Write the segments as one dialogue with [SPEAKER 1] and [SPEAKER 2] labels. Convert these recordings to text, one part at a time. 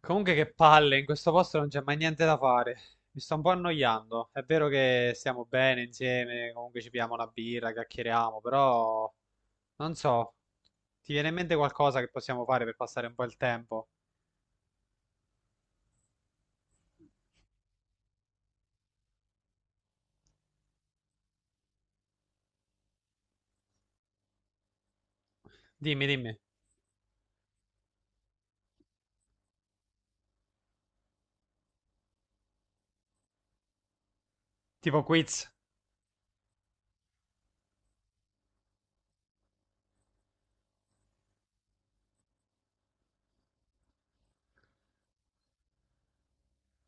[SPEAKER 1] Comunque che palle, in questo posto non c'è mai niente da fare. Mi sto un po' annoiando. È vero che stiamo bene insieme, comunque ci pigliamo una birra, chiacchieriamo, però non so, ti viene in mente qualcosa che possiamo fare per passare un po' il tempo? Dimmi, tipo quiz,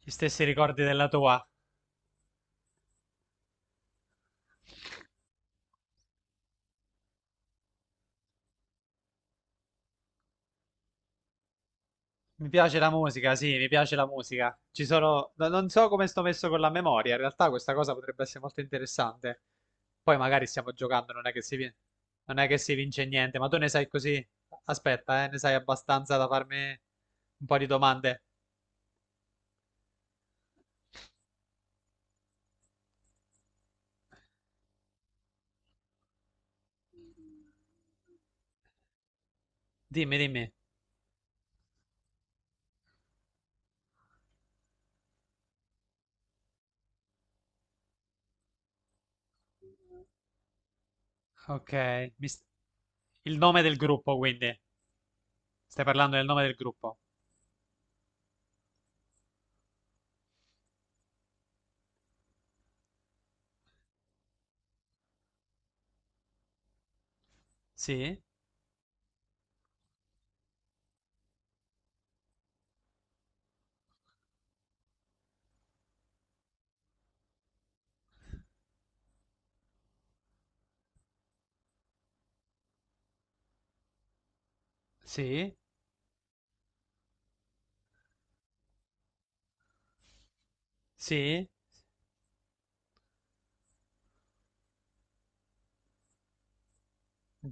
[SPEAKER 1] gli stessi ricordi della tua. Mi piace la musica, sì, mi piace la musica. Ci sono... Non so come sto messo con la memoria, in realtà questa cosa potrebbe essere molto interessante. Poi magari stiamo giocando, non è che si, vin- non è che si vince niente, ma tu ne sai così? Aspetta, ne sai abbastanza da farmi un po' di domande. Dimmi. Ok, mi s- il nome del gruppo, quindi. Stai parlando del nome del gruppo? Sì, sì, sì.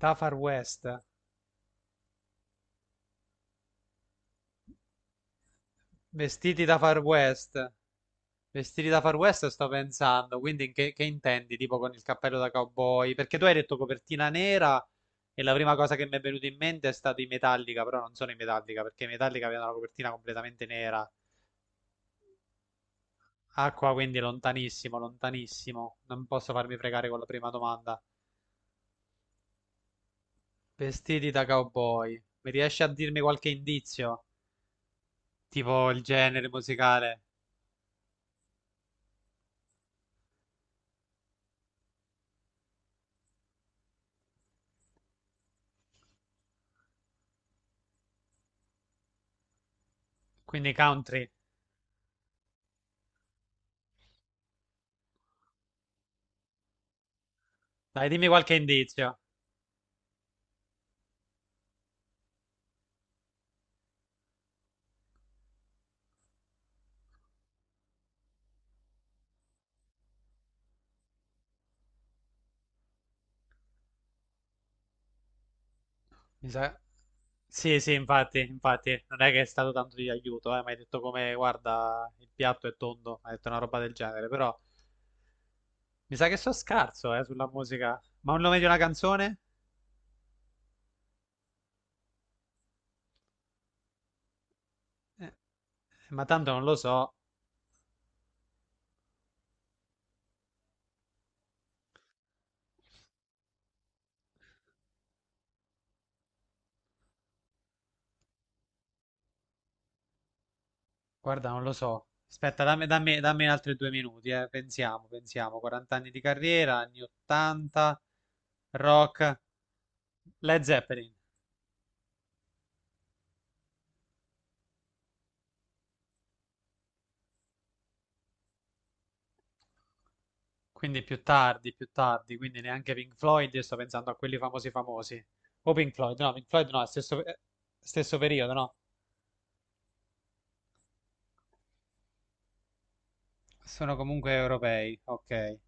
[SPEAKER 1] Da Far West. Vestiti da Far West. Vestiti da Far West sto pensando, quindi che intendi? Tipo con il cappello da cowboy? Perché tu hai detto copertina nera e la prima cosa che mi è venuta in mente è stato i Metallica, però non sono i Metallica, perché i Metallica avevano la copertina completamente nera. Acqua quindi lontanissimo, lontanissimo. Non posso farmi fregare con la prima domanda. Vestiti da cowboy. Mi riesci a dirmi qualche indizio? Tipo il genere musicale. Quindi country. Dai, dimmi qualche indizio. Mi sa... Sì, sì, infatti, infatti, non è che è stato tanto di aiuto, mi hai detto come, guarda, il piatto è tondo, hai detto una roba del genere, però mi sa che so scarso, sulla musica. Ma un nome di una canzone? Eh, ma tanto non lo so, guarda, non lo so. Aspetta, dammi altri due minuti, pensiamo. 40 anni di carriera, anni 80, rock, Led Zeppelin. Quindi più tardi, quindi neanche Pink Floyd, io sto pensando a quelli famosi famosi. O Pink Floyd no, è stesso, stesso periodo, no? Sono comunque europei, ok.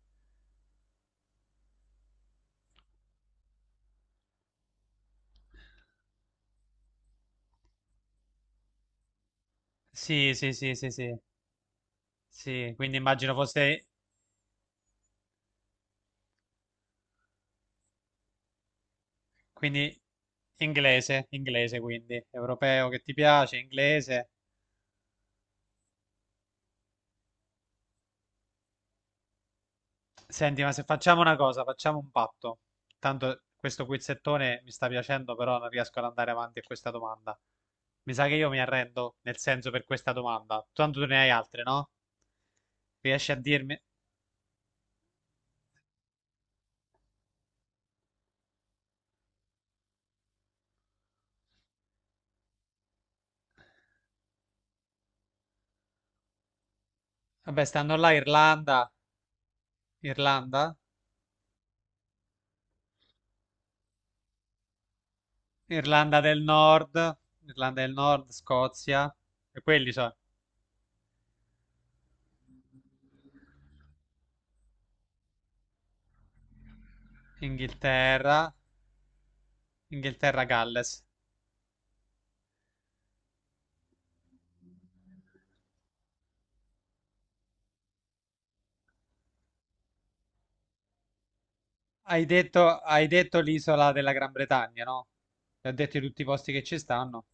[SPEAKER 1] Sì, sì, sì, sì, sì, sì, quindi immagino fosse, quindi inglese, inglese quindi, europeo che ti piace, inglese. Senti, ma se facciamo una cosa, facciamo un patto. Tanto questo quizzettone mi sta piacendo, però non riesco ad andare avanti a questa domanda. Mi sa che io mi arrendo, nel senso per questa domanda. Tanto tu ne hai altre, no? Riesci a dirmi? Vabbè, stanno là Irlanda, Irlanda, Irlanda del Nord, Irlanda del Nord, Scozia, e quelli so, Inghilterra, Inghilterra, Galles. Hai detto l'isola della Gran Bretagna, no? Ti ho detto tutti i posti che ci stanno.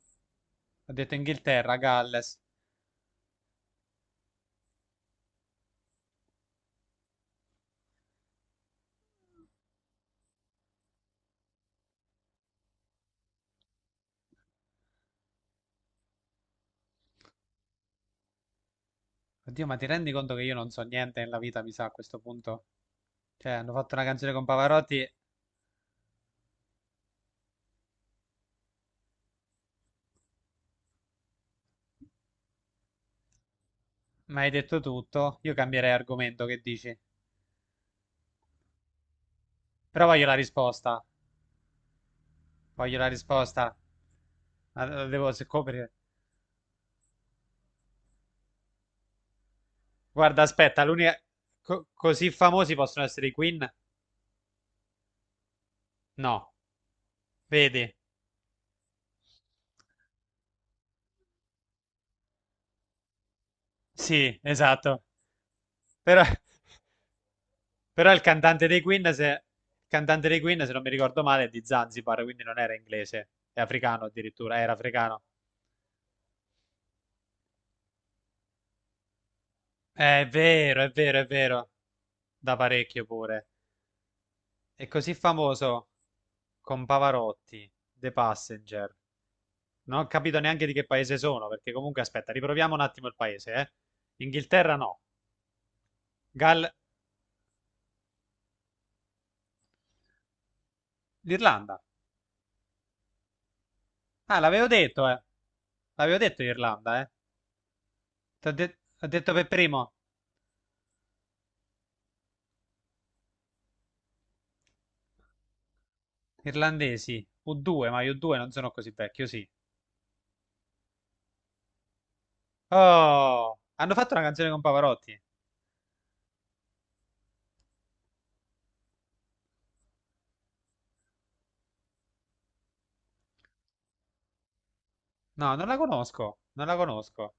[SPEAKER 1] Ho detto Inghilterra, Galles. Oddio, ma ti rendi conto che io non so niente nella vita, mi sa, a questo punto? Cioè, hanno fatto una canzone con Pavarotti, ma hai detto tutto. Io cambierei argomento, che dici? Però voglio la risposta. Voglio la risposta. Ma la devo se coprire. Guarda, aspetta, così famosi possono essere i Queen? No. Vedi? Sì, esatto. Però, però il cantante dei Queen, se, il cantante dei Queen, se non mi ricordo male, è di Zanzibar, quindi non era inglese, è africano addirittura, era africano. È vero, è vero, è vero. Da parecchio pure. È così famoso con Pavarotti, The Passenger. Non ho capito neanche di che paese sono, perché comunque aspetta, riproviamo un attimo il paese, eh. Inghilterra no. Gal... L'Irlanda. Ah, l'avevo detto, eh. L'avevo detto Irlanda, eh. Ho detto per primo irlandesi. U2, ma io U2 non sono così vecchio, sì. Oh, hanno fatto una canzone con Pavarotti? No, non la conosco, non la conosco.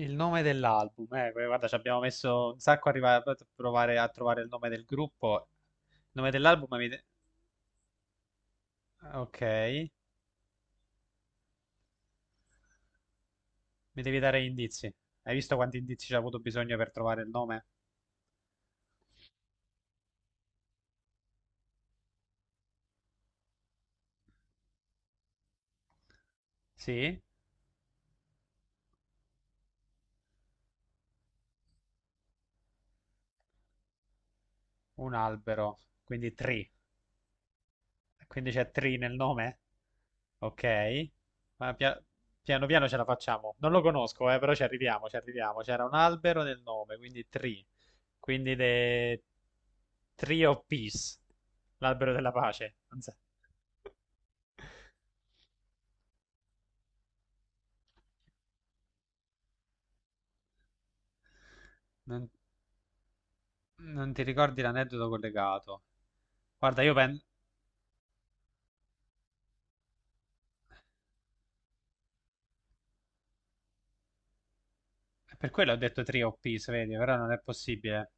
[SPEAKER 1] Il nome dell'album, guarda, ci abbiamo messo un sacco a arrivare a provare a trovare il nome del gruppo. Il nome dell'album mi... de- Ok, mi devi dare gli indizi. Hai visto quanti indizi ci ha avuto bisogno per trovare il nome? Sì, un albero, quindi tri. Quindi c'è tri nel nome? Ok, ma pia- piano piano ce la facciamo. Non lo conosco, però ci arriviamo, ci arriviamo. C'era un albero nel nome, quindi tree. Quindi the Tree of Peace, l'albero della pace. Non, so. Non- non ti ricordi l'aneddoto collegato? Guarda, io penso... Per quello ho detto Tree of Peace, vedi, però non è possibile.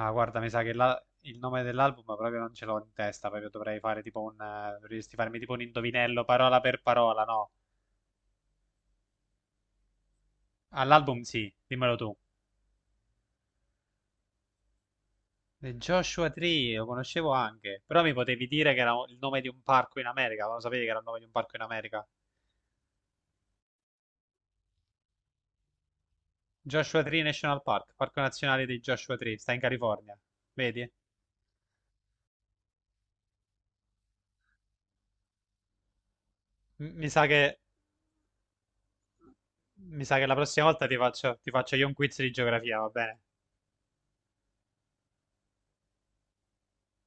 [SPEAKER 1] Ah, guarda, mi sa che il nome dell'album proprio non ce l'ho in testa, proprio dovrei fare tipo un... Dovresti farmi tipo un indovinello parola per parola, no? All'album sì, dimmelo tu. Joshua Tree lo conoscevo anche, però mi potevi dire che era il nome di un parco in America, ma lo sapevi che era il nome di un parco in America? Joshua Tree National Park, parco nazionale di Joshua Tree, sta in California, vedi? M- mi sa che, mi sa che la prossima volta ti faccio io un quiz di geografia, va bene?